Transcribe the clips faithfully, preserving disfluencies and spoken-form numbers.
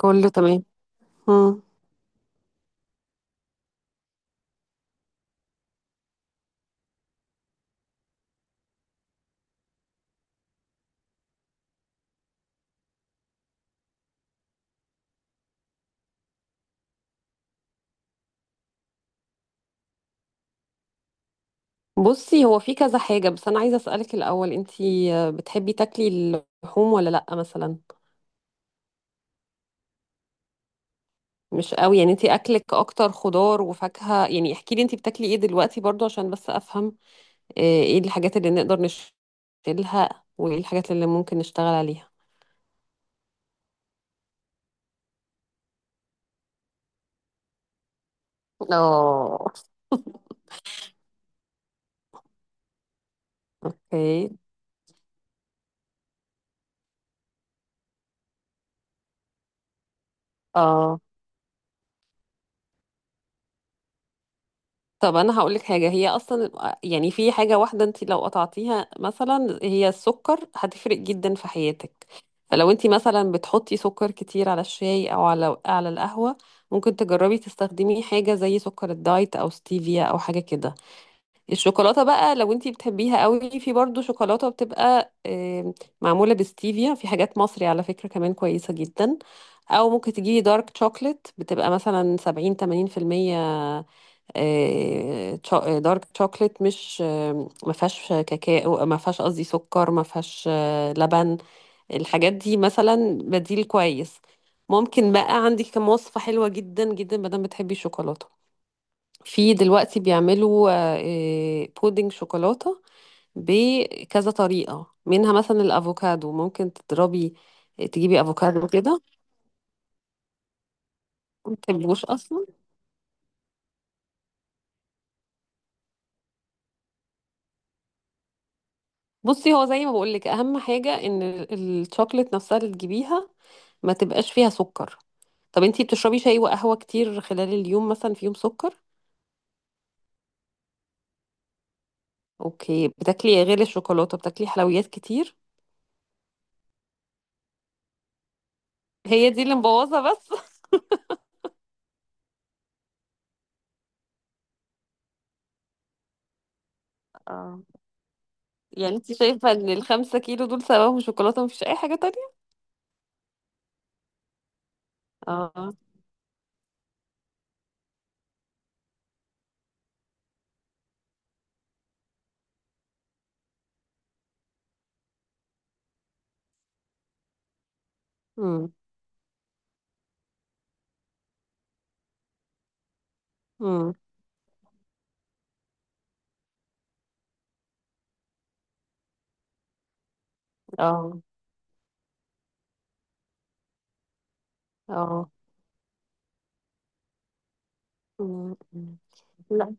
كله تمام. مم. بصي، هو في كذا حاجة بس أنا عايزة أسألك الأول. أنتي آه، بتحبي تاكلي اللحوم ولا لأ مثلا؟ مش قوي؟ يعني أنتي أكلك أكتر خضار وفاكهة؟ يعني احكي لي أنتي بتاكلي إيه دلوقتي، برضو عشان بس أفهم آه، إيه الحاجات اللي نقدر نشيلها وإيه الحاجات اللي ممكن نشتغل عليها. اه. اوكي. اه. طب انا هقولك حاجه، هي اصلا يعني في حاجه واحده انت لو قطعتيها مثلا، هي السكر، هتفرق جدا في حياتك. فلو انت مثلا بتحطي سكر كتير على الشاي او على على القهوه، ممكن تجربي تستخدمي حاجه زي سكر الدايت او ستيفيا او حاجه كده. الشوكولاته بقى لو انت بتحبيها قوي، في برضو شوكولاته بتبقى آم، معموله بستيفيا، في حاجات مصري على فكره كمان كويسه جدا. او ممكن تجيبي دارك شوكليت بتبقى مثلا سبعين ثمانين في المية. دارك شوكليت مش آه، ما فيهاش كاكاو، ما فيهاش قصدي سكر، ما فيهاش آه، لبن. الحاجات دي مثلا بديل كويس. ممكن بقى، عندي كم وصفة حلوة جدا جدا، ما دام بتحبي الشوكولاتة. في دلوقتي بيعملوا آه، آه، بودنج شوكولاتة بكذا طريقة، منها مثلا الأفوكادو. ممكن تضربي آه، تجيبي أفوكادو كده. ما بتحبوش أصلا؟ بصي، هو زي ما بقولك أهم حاجة إن ال- الشوكولاتة نفسها اللي تجيبيها ما تبقاش فيها سكر. طب انتي بتشربي شاي وقهوة كتير خلال اليوم؟ مثلا في يوم سكر؟ اوكي. بتاكلي غير الشوكولاتة؟ بتاكلي حلويات كتير؟ هي دي اللي مبوظة بس. اه. يعني انتي شايفة ان الخمسة كيلو دول سببهم شوكولاتة، مفيش اي حاجة تانية؟ اه. امم. امم. اه. اه. مم. مم. لا.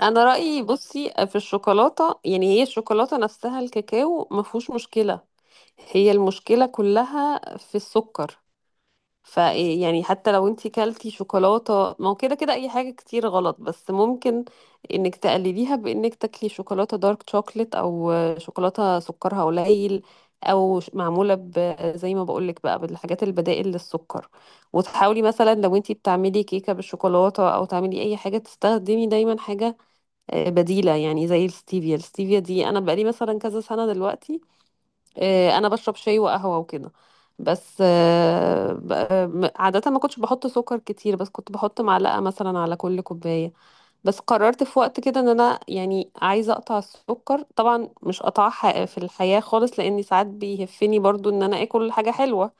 انا رأيي بصي، في الشوكولاتة يعني هي الشوكولاتة نفسها الكاكاو مفهوش مشكلة، هي المشكلة كلها في السكر. فيعني حتى لو انتي كلتي شوكولاتة، ما هو كده كده اي حاجة كتير غلط، بس ممكن انك تقلليها بانك تاكلي شوكولاتة دارك شوكليت او شوكولاتة سكرها قليل او ش- معمولة ب زي ما بقولك بقى بالحاجات البدائل للسكر. وتحاولي مثلا لو انتي بتعملي كيكة بالشوكولاتة او تعملي اي حاجة، تستخدمي دايما حاجة آه، بديلة يعني زي الستيفيا. الستيفيا دي انا بقالي مثلا كذا سنة دلوقتي، آه، انا بشرب شاي وقهوه وكده، بس آه، ب- آه، م- عاده ما كنتش بحط سكر كتير، بس كنت بحط معلقه مثلا على كل كوبايه. بس قررت في وقت كده ان انا يعني عايزه اقطع السكر، طبعا مش قطعها ح- في الحياه خالص، لاني ساعات بيهفني برضو ان انا اكل حاجه حلوه،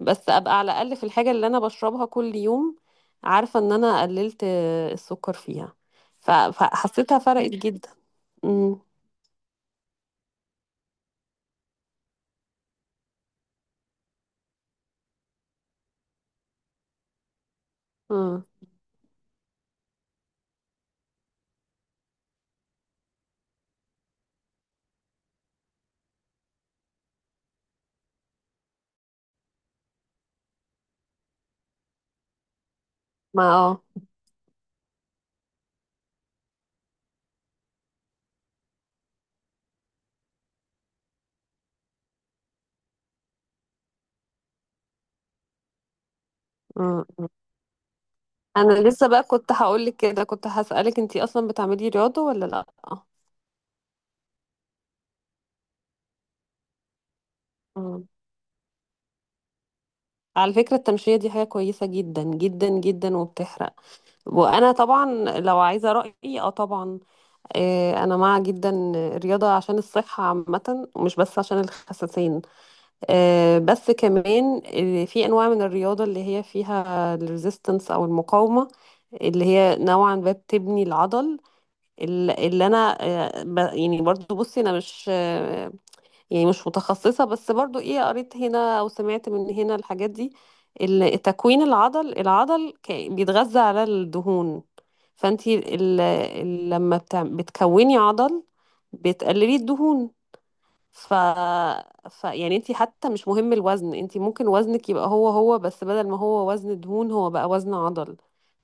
بس ابقى على الاقل في الحاجه اللي انا بشربها كل يوم عارفه ان انا قللت آه، السكر فيها. ف- فحسيتها فرقت جدا. امم. ما اه، انا لسه بقى كنت هقولك كده، كنت هسألك انتي اصلا بتعملي رياضة ولا لا؟ مم. على فكرة التمشية دي حاجة كويسة جدا جدا جدا وبتحرق. وانا طبعا لو عايزة رأيي، اه طبعا، آه انا مع جدا الرياضة عشان الصحة عامة ومش بس عشان الخساسين. آه بس كمان آه، في انواع من الرياضة اللي هي فيها الريزيستنس او المقاومة، اللي هي نوعا ما بتبني العضل. ال- اللي انا آه، ب- يعني برضو بصي انا مش، يعني مش متخصصة، بس برضو ايه قريت هنا او سمعت من هنا الحاجات دي، ال- تكوين العضل. العضل ك- بيتغذى على الدهون. فانتي ال- ال- لما بتع- بتكوني عضل بتقللي الدهون. ف... ف يعني انتي حتى مش مهم الوزن، انتي ممكن وزنك يبقى هو هو، بس بدل ما هو وزن دهون هو بقى وزن عضل.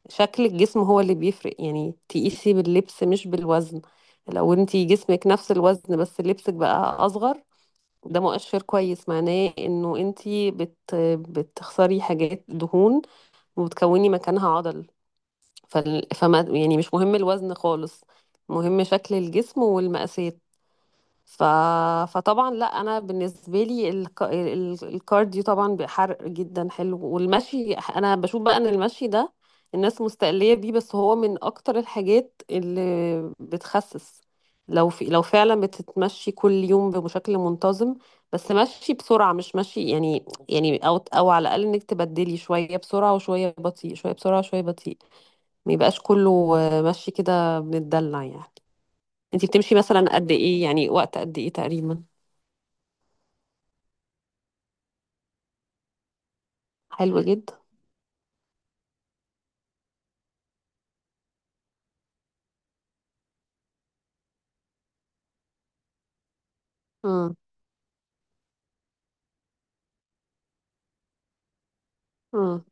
شكل الجسم هو اللي بيفرق، يعني تقيسي باللبس مش بالوزن. لو انتي جسمك نفس الوزن بس لبسك بقى اصغر، ده مؤشر كويس معناه انه انتي بت بتخسري حاجات دهون وبتكوني مكانها عضل. فال... فما يعني مش مهم الوزن خالص، مهم شكل الجسم والمقاسات. ف... فطبعا لا، انا بالنسبه لي الك... ال- الكارديو طبعا بحرق جدا حلو. والمشي انا بشوف بقى ان المشي ده الناس مستقليه بيه، بس هو من اكتر الحاجات اللي بتخسس. لو في... لو فعلا بتتمشي كل يوم بشكل منتظم، بس مشي بسرعه، مش مشي يعني يعني او او على الاقل انك تبدلي شويه بسرعه وشويه بطيء، شويه بسرعه وشويه بطيء، ما يبقاش كله آه، مشي كده، بنتدلع يعني. انتي بتمشي مثلا قد ايه؟ يعني وقت قد ايه تقريبا؟ حلو جدا. مم. مم.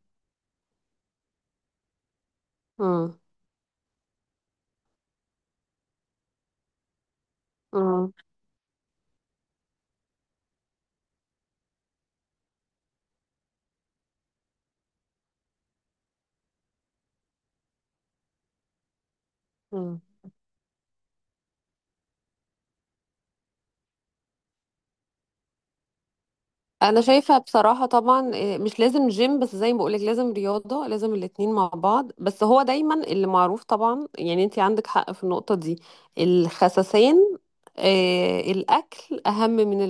مم. مم. مم. انا شايفه بصراحه طبعا، إيه، مش لازم جيم بس زي ما بقولك لازم رياضه، لازم الاتنين مع بعض. بس هو دايما اللي معروف طبعا يعني، انت عندك حق في النقطه دي، الخسسان آه الاكل اهم من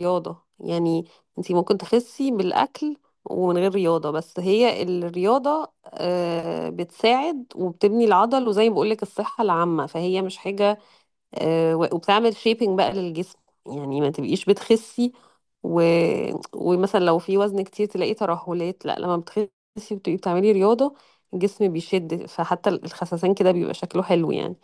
الرياضه يعني. انت ممكن تخسي بالاكل ومن غير رياضه، بس هي الرياضه آه بتساعد وبتبني العضل وزي ما بقولك الصحه العامه، فهي مش حاجه آه، و- وبتعمل شيبنج بقى للجسم، يعني ما تبقيش بتخسي و... ومثلا لو في وزن كتير تلاقي ترهلات. لا لما بتخسي وتبقي بتعملي رياضة الجسم بيشد، فحتى الخسسان كده بيبقى شكله حلو يعني.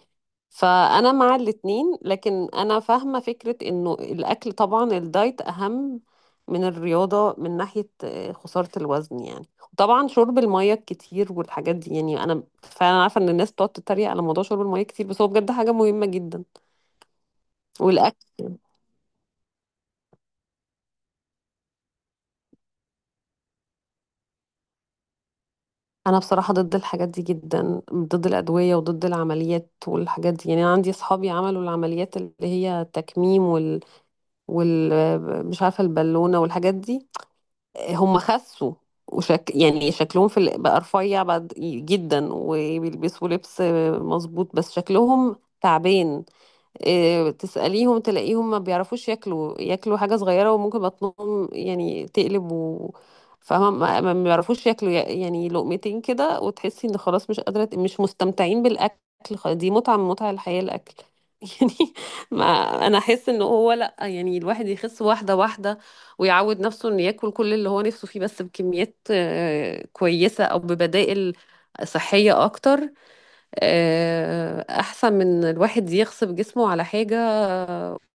فأنا مع الاتنين، لكن أنا فاهمة فكرة إنه الأكل طبعا الدايت أهم من الرياضة من ناحية آه، خسارة الوزن يعني. وطبعا شرب المية الكتير والحاجات دي، يعني أنا فعلا عارفة إن الناس بتقعد تتريق على موضوع شرب المية كتير، بس هو بجد حاجة مهمة جدا. والاكل. انا بصراحه ضد الحاجات دي جدا، ضد الادويه وضد العمليات والحاجات دي. يعني انا عندي اصحابي عملوا العمليات اللي هي التكميم وال, وال... مش عارفه البالونه والحاجات دي. هم خسوا وشك يعني شكلهم في ال- بقى رفيع بقى جدا وبيلبسوا لبس مظبوط، بس شكلهم تعبان. إيه، تسأليهم تلاقيهم ما بيعرفوش ياكلوا، ياكلوا حاجة صغيرة وممكن بطنهم يعني تقلب و فاهمة، ما ما بيعرفوش ياكلوا، يا- يعني لقمتين كده وتحسي ان خلاص مش قادرة، مش مستمتعين بالأكل. خ- دي متعة من متع الحياة، الأكل يعني. ما انا احس ان هو لا، يعني الواحد يخس واحدة واحدة، ويعود نفسه انه ياكل كل اللي هو نفسه فيه بس بكميات آه، كويسة او ببدائل صحية اكتر آه، احسن من الواحد يغصب جسمه على حاجة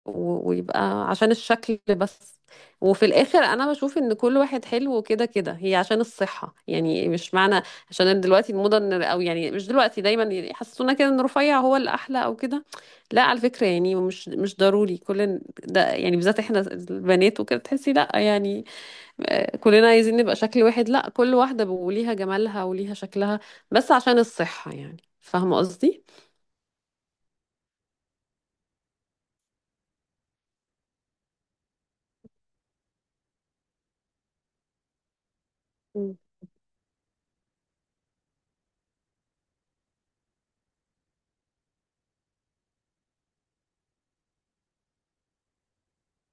و- ويبقى عشان الشكل بس. وفي الاخر انا بشوف ان كل واحد حلو كده كده، هي عشان الصحة يعني، مش معنى عشان دلوقتي الموضة إن- او يعني مش دلوقتي، دايما يحسسونا كده ان رفيع هو الاحلى او كده. لا على فكرة يعني مش مش ضروري كل ال- ده يعني، بالذات احنا البنات وكده تحسي لا يعني آه، كلنا عايزين نبقى شكل واحد. لا، كل واحدة وليها جمالها وليها شكلها، بس عشان الصحة يعني، فاهمة قصدي؟ مم.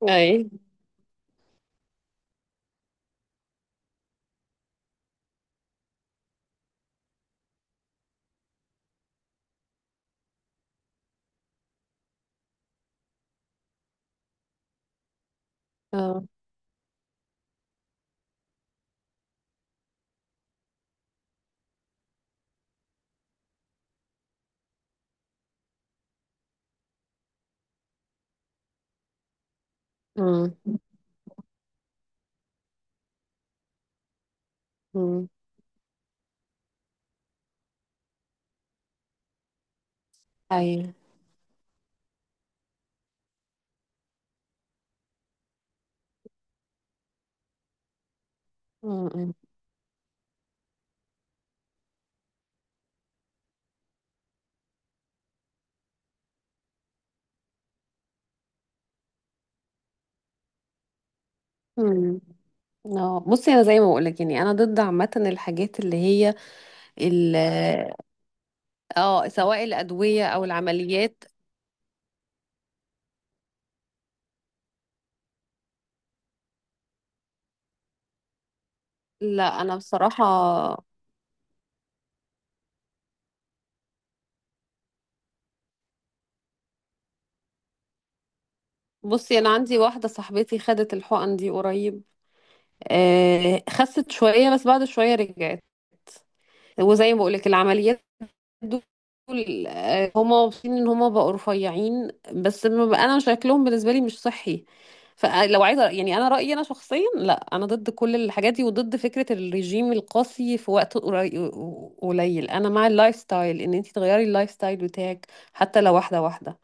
اي اه. مم. مم. اي. مم. مم. اه بصي انا زي ما بقولك يعني انا ضد عامه الحاجات اللي هي ال اه سواء الادويه او العمليات. لا انا بصراحه، بصي انا عندي واحده صاحبتي خدت الحقن دي قريب. آه خست شويه بس بعد شويه رجعت. وزي ما بقولك العمليات دول آه، هما مبسوطين ان هما بقوا رفيعين، بس ما بقى- انا شكلهم بالنسبه لي مش صحي. فلو عايزه يعني انا رايي انا شخصيا، لا انا ضد كل الحاجات دي وضد فكره الرجيم القاسي في وقت قري- قليل. انا مع اللايف ستايل، ان انت تغيري اللايف ستايل بتاعك حتى لو واحده واحده.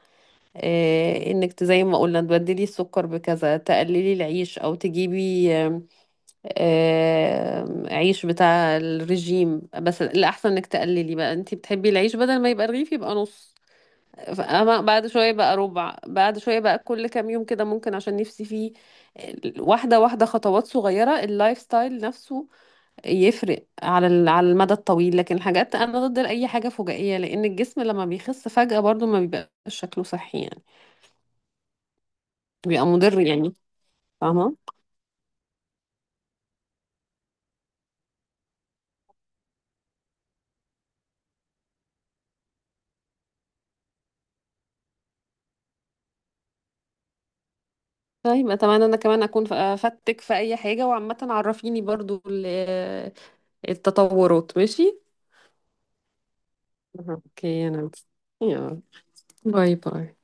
إيه انك زي ما قلنا تبدلي السكر بكذا، تقللي العيش او تجيبي آه، آه، عيش بتاع الرجيم. بس الأحسن انك تقللي بقى، انتي بتحبي العيش بدل ما يبقى رغيف يبقى نص، فأما بعد شوية بقى ربع، بعد شوية بقى، كل كام يوم كده ممكن عشان نفسي فيه. واحدة واحدة، خطوات صغيرة، اللايف ستايل نفسه يفرق على ال- على المدى الطويل. لكن الحاجات، أنا ضد أي حاجة فجائية، لأن الجسم لما بيخس فجأة برضو ما بيبقاش شكله صحي يعني، بيبقى مضر يعني. فاهمة. طيب اتمنى انا كمان اكون ف- افدتك في اي حاجة، وعامة عرفيني برضو ال- التطورات، ماشي؟ اوكي. انا. يلا باي باي.